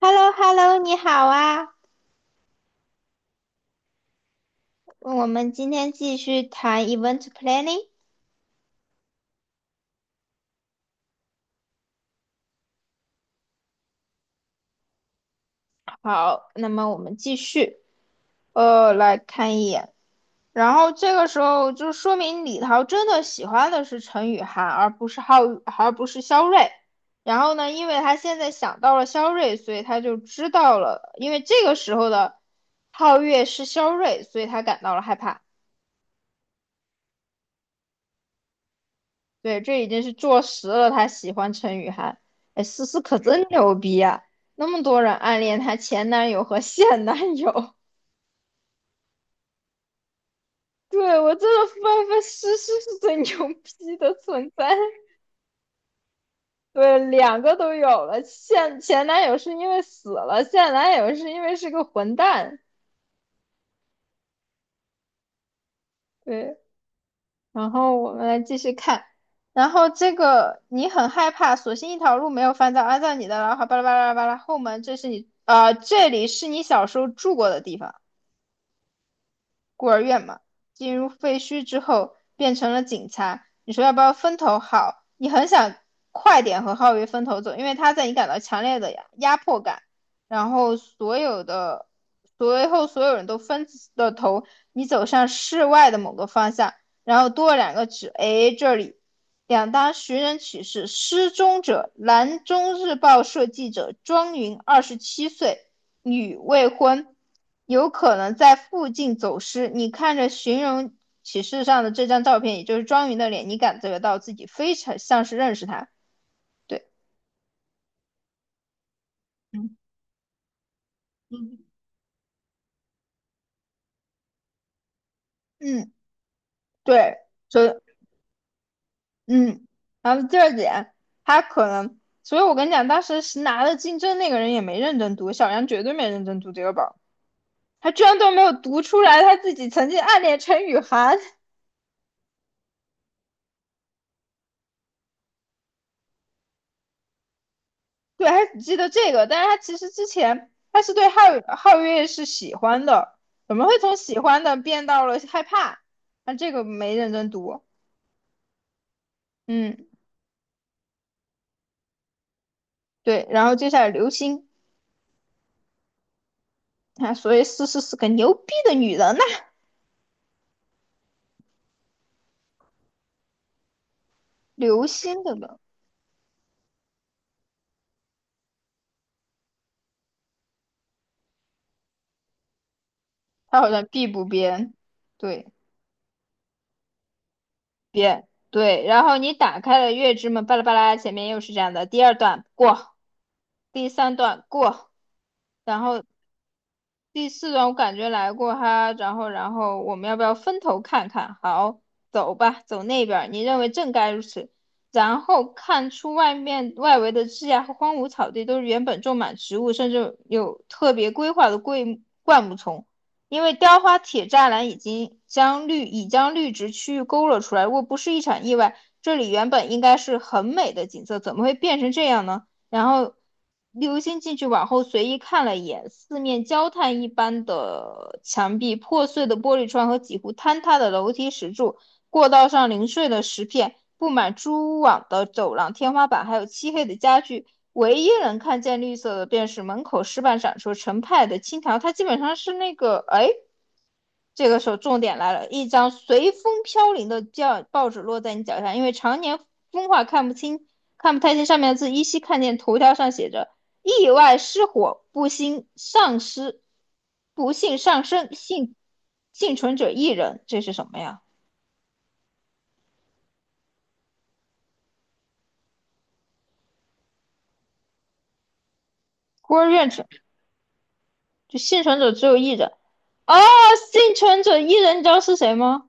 h e l l o h e l l o 你好啊！我们今天继续谈 event planning。好，那么我们继续，来看一眼。然后这个时候就说明李桃真的喜欢的是陈雨涵，而不是浩，而不是肖瑞。然后呢，因为他现在想到了肖瑞，所以他就知道了，因为这个时候的皓月是肖瑞，所以他感到了害怕。对，这已经是坐实了他喜欢陈雨涵。哎，思思可真牛逼啊！那么多人暗恋她前男友和现男友，对，我真的发思思是最牛逼的存在。对，两个都有了，现前男友是因为死了，现男友是因为是个混蛋。对，然后我们来继续看，然后这个你很害怕，索性一条路没有翻到，按照你的，然后巴拉巴拉巴拉巴拉后门，这是你，啊，这里是你小时候住过的地方。孤儿院嘛，进入废墟之后变成了警察。你说要不要分头好？你很想快点和浩月分头走，因为他在你感到强烈的压迫感，然后所有的随后所有人都分了头，你走向室外的某个方向，然后多了两个指，哎，这里。两当寻人启事，失踪者，兰州日报社记者庄云，27岁，女，未婚，有可能在附近走失。你看着寻人启事上的这张照片，也就是庄云的脸，你感觉到自己非常像是认识他。对，嗯嗯嗯，对，所嗯，然后第二点，他可能，所以我跟你讲，当时是拿了金争那个人也没认真读，小杨绝对没认真读这个本儿他居然都没有读出来他自己曾经暗恋陈雨涵。对，还记得这个，但是他其实之前他是对皓月是喜欢的，怎么会从喜欢的变到了害怕？那这个没认真读，嗯，对，然后接下来流星啊，所以思思是个牛逼的女人呐、流星的呢，他好像必不编，对，编对，然后你打开了月之门，巴拉巴拉，前面又是这样的，第二段过，第三段过，然后第四段我感觉来过哈，然后我们要不要分头看看？好，走吧，走那边儿。你认为正该如此。然后看出外面外围的枝桠和荒芜草地都是原本种满植物，甚至有特别规划的桂木灌木丛，因为雕花铁栅栏已将绿植区域勾勒出来。如果不是一场意外，这里原本应该是很美的景色，怎么会变成这样呢？然后刘星进去往后随意看了一眼，四面焦炭一般的墙壁、破碎的玻璃窗和几乎坍塌的楼梯石柱，过道上零碎的石片，布满蛛网的走廊、天花板，还有漆黑的家具。唯一能看见绿色的，便是门口石板闪烁成派的青条。它基本上是那个，哎。这个时候重点来了，一张随风飘零的教报纸落在你脚下，因为常年风化看不清，看不太清上面的字，依稀看见头条上写着"意外失火，不幸丧失，不幸丧生，幸存者一人"，这是什么呀？孤儿院者就幸存者只有一人哦，幸存者一人，你知道是谁吗？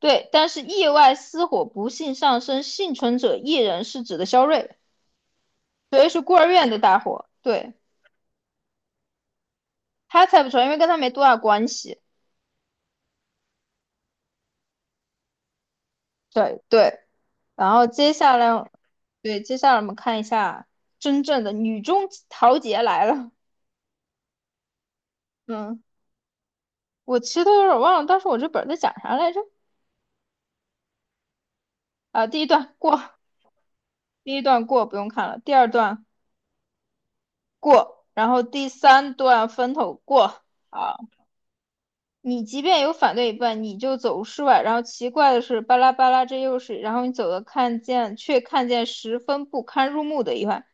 对，但是意外失火，不幸丧生，幸存者一人是指的肖瑞，所以是孤儿院的大火。对。他猜不出来，因为跟他没多大关系。对对，然后接下来，对，接下来我们看一下真正的女中豪杰来了。嗯，我其实都有点忘了，当时我这本儿在讲啥来着？啊，第一段过，不用看了。第二段过，然后第三段分头过。好。你即便有反对一半，你就走室外。然后奇怪的是，巴拉巴拉，这又是。然后你走的看见，却看见十分不堪入目的一环，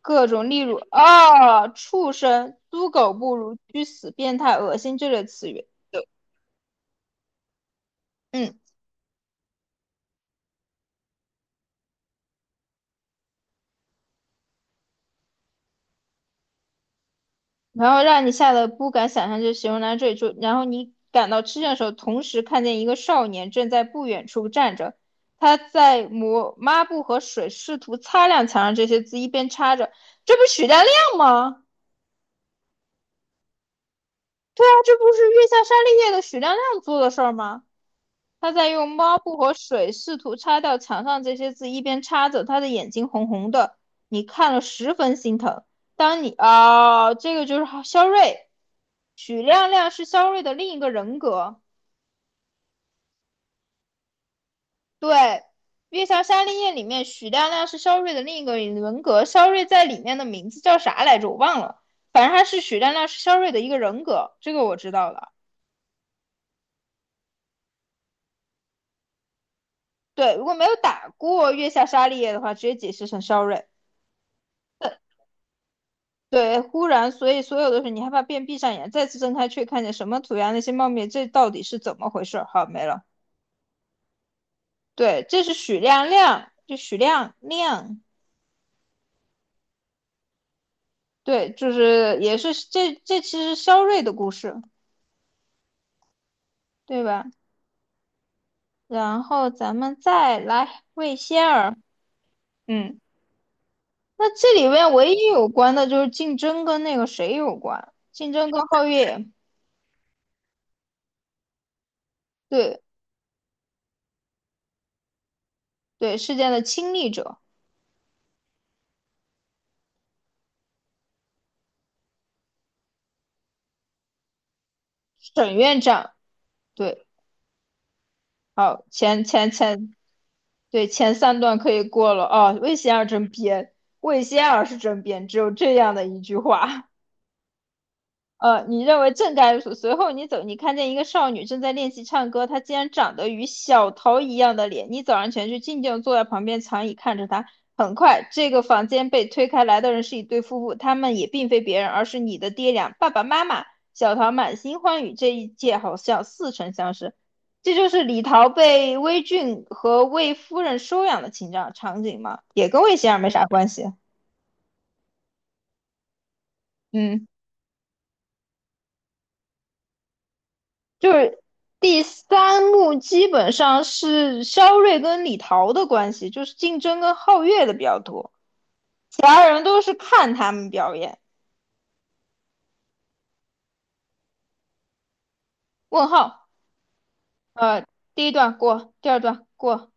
各种例如啊、畜生、猪狗不如、居死、变态、恶心这类词语。嗯，然后让你吓得不敢想象，就形容到这里就。然后你感到吃惊的时候，同时看见一个少年正在不远处站着，他在抹抹布和水，试图擦亮墙上这些字，一边擦着。这不是许大亮吗？对啊，这不是月下沙利叶的许亮亮做的事儿吗？他在用抹布和水试图擦掉墙上这些字，一边擦着，他的眼睛红红的，你看了十分心疼。当你啊、哦这个就是肖瑞，许亮亮是肖瑞的另一个人格。对，月下沙利叶里面许亮亮是肖瑞的另一个人格，肖瑞在里面的名字叫啥来着？我忘了，反正他是许亮亮是肖瑞的一个人格，这个我知道了。对，如果没有打过月下沙利叶的话，直接解释成肖瑞。对，忽然，所以所有的是你害怕便闭上眼，再次睁开却看见什么涂鸦那些茂密，这到底是怎么回事？好，没了。对，这是许亮亮，就许亮亮，对，就是也是这其实肖瑞的故事，对吧？然后咱们再来魏仙儿，嗯，那这里面唯一有关的就是竞争跟那个谁有关，竞争跟皓月，对对，事件的亲历者，沈院长，对，好，前前前，对，前三段可以过了。哦，魏仙儿真编，魏仙儿是真编，只有这样的一句话。你认为正该如此。随后你走，你看见一个少女正在练习唱歌，她竟然长得与小桃一样的脸。你走上前去，静静坐在旁边长椅看着她。很快，这个房间被推开，来的人是一对夫妇，他们也并非别人，而是你的爹娘爸爸妈妈。小桃满心欢愉，这一切好像似曾相识。这就是李桃被魏俊和魏夫人收养的情景场景吗？也跟魏先生没啥关系。嗯。就是第三幕基本上是肖瑞跟李桃的关系，就是竞争跟皓月的比较多，其他人都是看他们表演。问号，呃，第一段过，第二段过，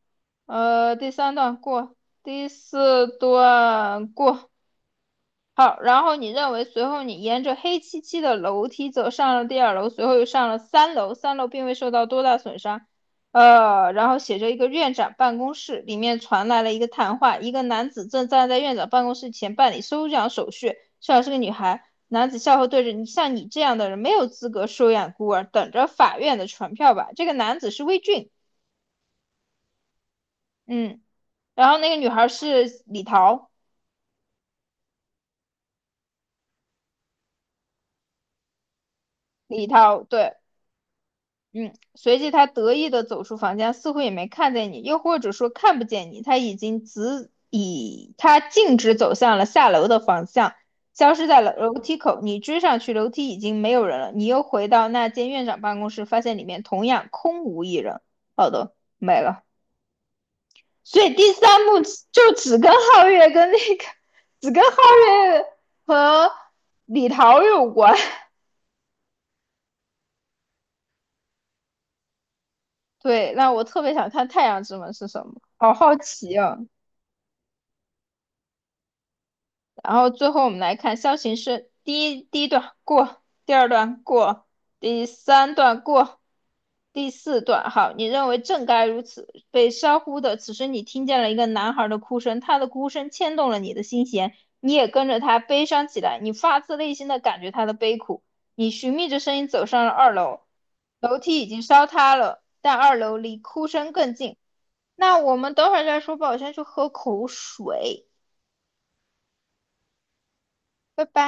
第三段过，第四段过，好，然后你认为，随后你沿着黑漆漆的楼梯走上了第二楼，随后又上了三楼，三楼并未受到多大损伤。然后写着一个院长办公室，里面传来了一个谈话，一个男子正站在院长办公室前办理收养手续，收养是个女孩。男子笑后对着你，像你这样的人没有资格收养孤儿，等着法院的传票吧。这个男子是魏俊，嗯，然后那个女孩是李桃，李桃，对。嗯，随即他得意地走出房间，似乎也没看见你，又或者说看不见你。他已经直以他径直走向了下楼的方向，消失在了楼梯口。你追上去，楼梯已经没有人了。你又回到那间院长办公室，发现里面同样空无一人。好的，没了。所以第三幕就只跟皓月跟那个，只跟皓月和李桃有关。对，那我特别想看太阳之门是什么，好好奇啊。然后最后我们来看象形是第一段过，第二段过，第三段过，第四段好，你认为正该如此，被烧忽的。此时你听见了一个男孩的哭声，他的哭声牵动了你的心弦，你也跟着他悲伤起来，你发自内心的感觉他的悲苦。你寻觅着声音走上了二楼，楼梯已经烧塌了，但二楼离哭声更近。那我们等会儿再说吧，我先去喝口水，拜拜。